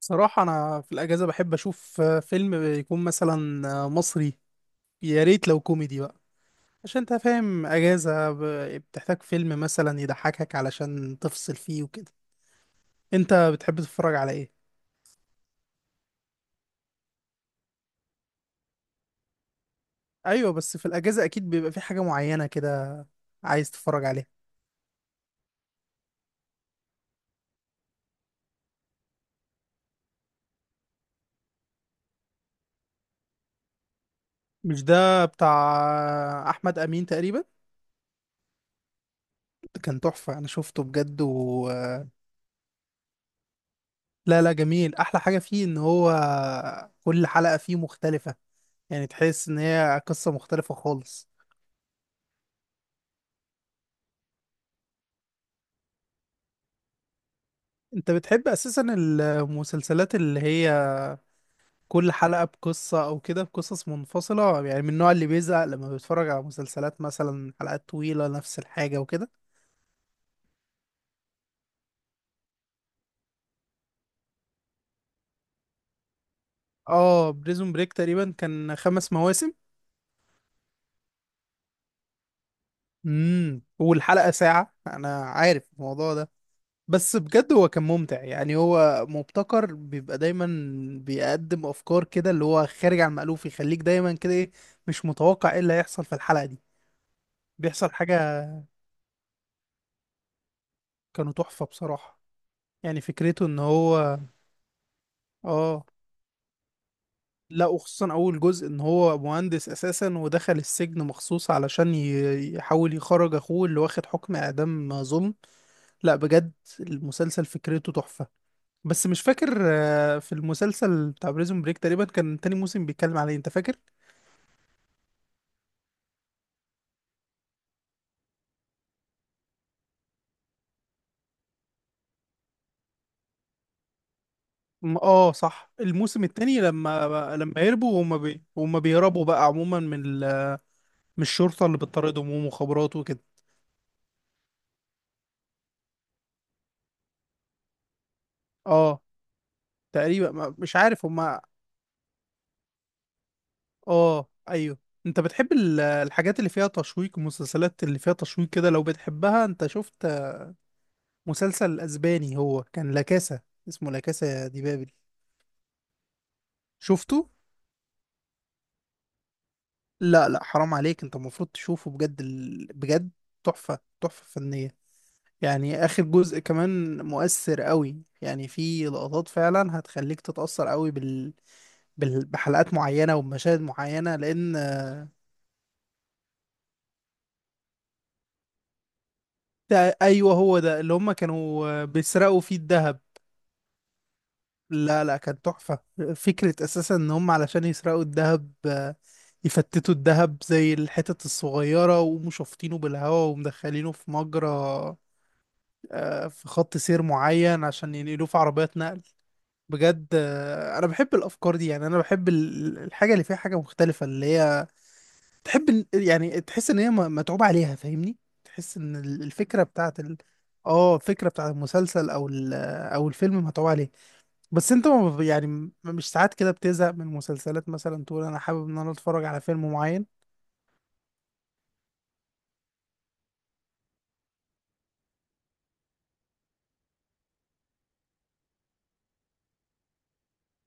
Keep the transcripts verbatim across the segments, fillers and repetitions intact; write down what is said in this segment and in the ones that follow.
صراحة أنا في الأجازة بحب أشوف آه، فيلم يكون مثلا آه، مصري. يا ريت لو كوميدي بقى، عشان أنت فاهم أجازة ب- بتحتاج فيلم مثلا يضحكك علشان تفصل فيه وكده. أنت بتحب تتفرج على إيه؟ أيوة، بس في الأجازة أكيد بيبقى في حاجة معينة كده عايز تتفرج عليها. مش ده بتاع آه، أحمد أمين تقريبا؟ كان تحفة، أنا شفته بجد و آه، لا لا، جميل. أحلى حاجة فيه إن هو كل حلقة فيه مختلفة، يعني تحس إن هي قصة مختلفة خالص. انت بتحب اساسا المسلسلات اللي هي كل حلقة بقصة او كده، بقصص منفصلة؟ يعني من النوع اللي بيزهق لما بيتفرج على مسلسلات مثلا حلقات طويلة نفس الحاجة وكده. اه، بريزون بريك تقريبا كان خمس مواسم. امم والحلقة ساعة، انا عارف الموضوع ده. بس بجد هو كان ممتع، يعني هو مبتكر، بيبقى دايما بيقدم افكار كده اللي هو خارج عن المألوف، يخليك دايما كده ايه، مش متوقع ايه اللي هيحصل في الحلقة دي، بيحصل حاجة. كانوا تحفة بصراحة. يعني فكرته ان هو، اه، لا، وخصوصا اول جزء، ان هو مهندس اساسا ودخل السجن مخصوص علشان ي- يحاول يخرج اخوه اللي واخد حكم اعدام ظلم. لا بجد، المسلسل فكرته تحفة. بس مش فاكر، آه، في المسلسل بتاع بريزون بريك تقريبا كان تاني موسم بيتكلم عليه، انت فاكر؟ م- اه صح، الموسم التاني، لما لما يهربوا، وهم بي... وهم بيهربوا بقى عموما من ال... من الشرطة اللي بتطاردهم ومخابرات وكده. اه، تقريبا، ما- مش عارف هم. اه ايوه. انت بتحب ال- الحاجات اللي فيها تشويق، المسلسلات اللي فيها تشويق كده لو بتحبها؟ انت شفت مسلسل اسباني هو كان لا كاسا، اسمه لا كاسا دي بابل؟ شفته. لا لا، حرام عليك، انت المفروض تشوفه بجد ال... بجد تحفة، تحفة فنية. يعني اخر جزء كمان مؤثر قوي، يعني في لقطات فعلا هتخليك تتأثر قوي بال... بال... بحلقات معينة وبمشاهد معينة لان، ده ايوه، هو ده اللي هم كانوا بيسرقوا فيه الذهب. لا لا، كانت تحفة. فكرة أساسا إن هم علشان يسرقوا الذهب، آه، يفتتوا الذهب زي الحتت الصغيرة ويقوموا شافطينه بالهواء ومدخلينه في مجرى، آه، في خط سير معين عشان ينقلوه في عربيات نقل. بجد آه، أنا بحب الأفكار دي. يعني أنا بحب ال- الحاجة اللي فيها حاجة مختلفة، اللي هي تحب إن- يعني تحس إن هي م- متعوب عليها، فاهمني؟ تحس إن ال- الفكرة بتاعت ال... اه الفكرة بتاعت المسلسل أو ال... آه، أو الفيلم متعوب عليها. بس انت ما بت- يعني م- مش ساعات كده بتزهق من المسلسلات مثلا تقول انا حابب ان انا اتفرج على فيلم معين؟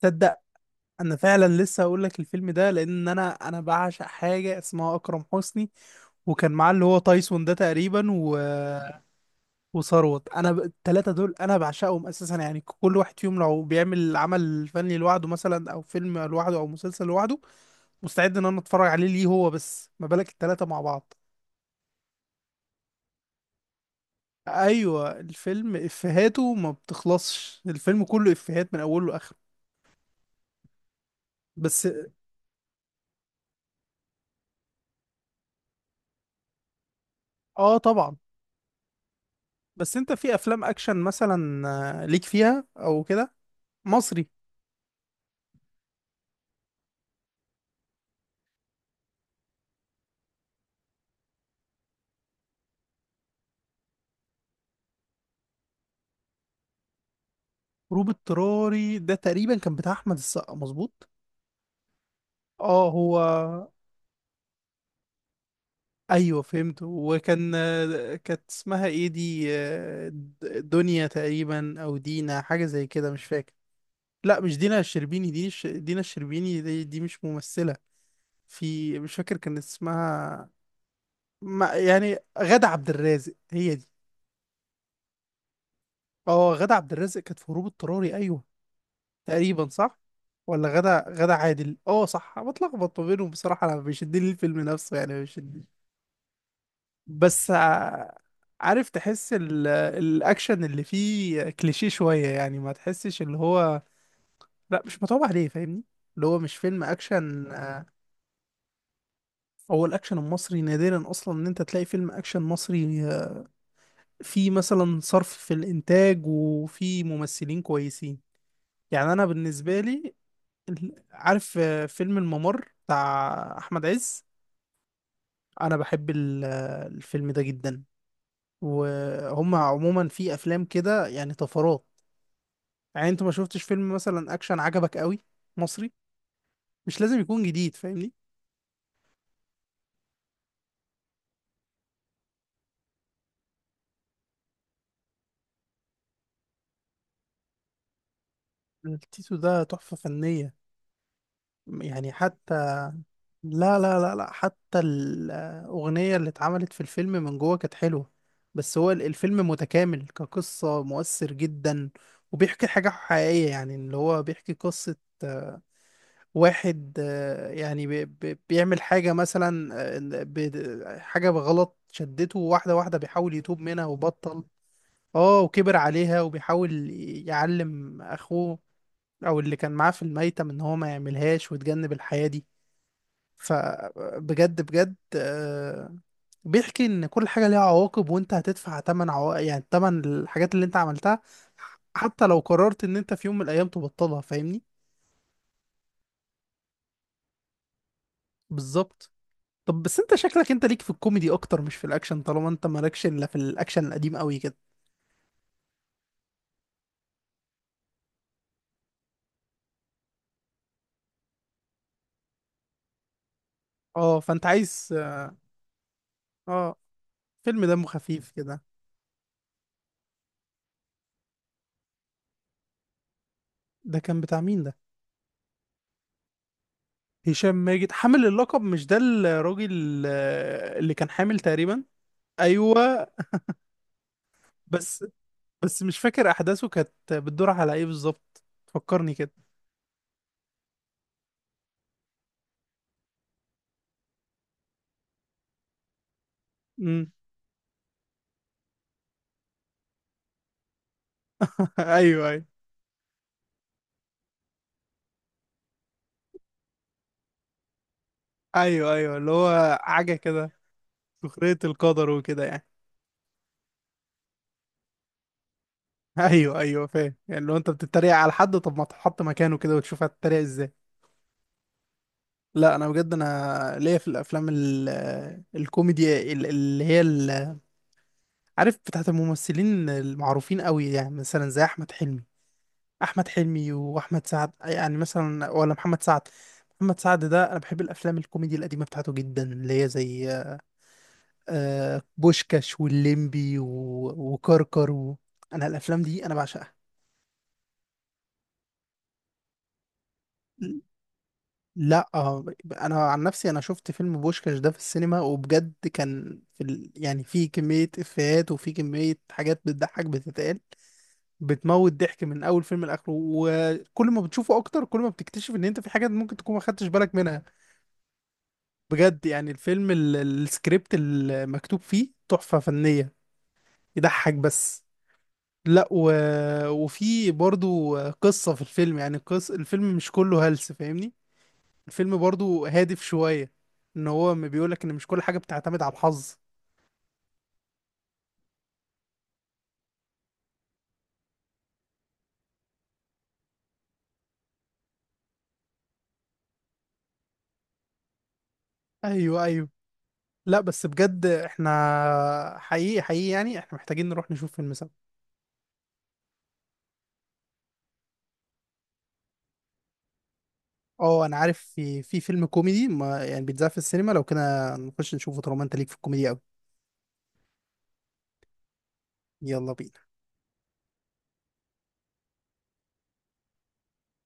تصدق، انا فعلا لسه هقول لك الفيلم ده، لان انا انا بعشق حاجه اسمها اكرم حسني، وكان معاه اللي هو تايسون ده تقريبا، و... وثروت. انا ب- التلاته دول انا بعشقهم اساسا، يعني كل واحد فيهم لو بيعمل عمل فني لوحده مثلا، او فيلم لوحده او مسلسل لوحده، مستعد ان انا اتفرج عليه، ليه هو بس؟ ما بالك التلاته مع بعض. ايوه الفيلم افهاته ما بتخلصش، الفيلم كله افهات من اوله لاخره. بس، اه طبعا. بس انت في افلام اكشن مثلا، آه، ليك فيها او كده؟ مصري. هروب اضطراري ده تقريبا كان بتاع احمد السقا، مظبوط؟ اه، هو. ايوه فهمت، وكان آه، كانت اسمها ايه دي، آه، د- دنيا تقريبا او دينا، حاجه زي كده مش فاكر. لا مش دينا الشربيني، دي ش... دينا الشربيني دي، دي مش ممثله في، مش فاكر كان اسمها. ما يعني غادة عبد الرازق هي دي. اه، غادة عبد الرازق كانت في هروب اضطراري، ايوه. تقريبا صح. ولا غادة، غادة عادل، اه صح، أنا بتلخبط ما بينهم بصراحة، انا بيشدني الفيلم نفسه يعني، بيشدني. بس ع- عارف، تحس ال... الاكشن اللي فيه كليشيه شوية، يعني ما تحسش اللي هو، لا، مش متعوب عليه، فاهمني؟ اللي هو مش فيلم اكشن، آه، هو الاكشن المصري نادرا اصلا ان انت تلاقي فيلم اكشن مصري آه، فيه مثلا صرف في الانتاج وفيه ممثلين كويسين، يعني انا بالنسبه لي، ال- عارف آه، فيلم الممر بتاع احمد عز؟ انا بحب ال- آه، الفيلم ده جدا. وهم عموما في افلام كده يعني طفرات. يعني انت ما شفتش فيلم مثلا اكشن عجبك قوي؟ مصري، مش لازم يكون جديد، فاهمني؟ التيتو ده تحفه فنيه، يعني حتى، لا لا لا لا حتى الأغنية اللي اتعملت في الفيلم من جوه كانت حلوة. بس هو ال- الفيلم متكامل كقصة، مؤثر جدا. وبيحكي حاجة حقيقية، يعني اللي هو بيحكي قصة واحد، آه، يعني بي- بي- بيعمل حاجة مثلا، آه، ب- حاجة بغلط شدته، واحدة واحدة بيحاول يتوب منها وبطل. اه، وكبر عليها وبيحاول يعلم أخوه أو اللي كان معاه في الميتم إن هو ما يعملهاش ويتجنب الحياة دي. فبجد بجد، آه، بيحكي ان كل حاجه ليها عواقب، وانت هتدفع تمن عوا... يعني تمن الحاجات اللي انت عملتها، حتى لو قررت ان انت في يوم من الايام تبطلها، فاهمني؟ بالظبط. طب بس انت شكلك انت ليك في الكوميدي اكتر مش في الاكشن، طالما انت مالكش الا في الاكشن القديم قوي كده. اه، فانت عايز، اه، فيلم دمه خفيف كده. ده كان بتاع مين ده؟ هشام ماجد، حامل اللقب، مش ده الراجل آه، اللي كان حامل تقريبا؟ ايوه. بس بس مش فاكر احداثه كانت بتدور على ايه بالظبط، فكرني كده. امم ايوه ايوه. ايوه ايوه، اللي هو حاجه كده، سخريه القدر وكده يعني. ايوه ايوه، فاهم، يعني لو انت بتتريق على حد، طب ما تحط مكانه كده وتشوف هتتريق ازاي. لا انا بجد، انا ليا في الافلام ال آه، الكوميدي ال- اللي هي ال- عارف، بتاعت الممثلين المعروفين قوي، يعني مثلا زي احمد حلمي، احمد حلمي واحمد سعد، يعني مثلا، ولا محمد سعد. محمد سعد ده انا بحب الافلام الكوميدي القديمه بتاعته جدا، اللي هي زي آه، بوشكاش واللمبي و- وكركر و... انا الافلام دي انا بعشقها. لا آه، انا عن نفسي، انا شفت فيلم بوشكاش ده في السينما، وبجد كان في ال... يعني في كميه افيهات وفي كميه حاجات بتضحك بتتقال، بتموت ضحك من اول فيلم لاخره، وكل ما بتشوفه اكتر كل ما بتكتشف ان انت في حاجات ممكن تكون ما خدتش بالك منها. بجد، يعني الفيلم ال- ال- السكريبت المكتوب فيه تحفة فنية. يضحك بس، لا و... وفي برضو قصة في الفيلم، يعني قص... الفيلم مش كله هلس، فاهمني؟ الفيلم برضو هادف شوية، ان هو ما بيقولك ان مش كل حاجة بتعتمد على الحظ. ايوه ايوه. لا بس بجد احنا، حقيقي حقيقي يعني، احنا محتاجين نروح نشوف فيلم سوا. اه انا عارف في، في فيلم كوميدي ما يعني بيتذاع في السينما لو كده، نخش نشوفه طالما انت ليك في الكوميدي قوي. يلا بينا.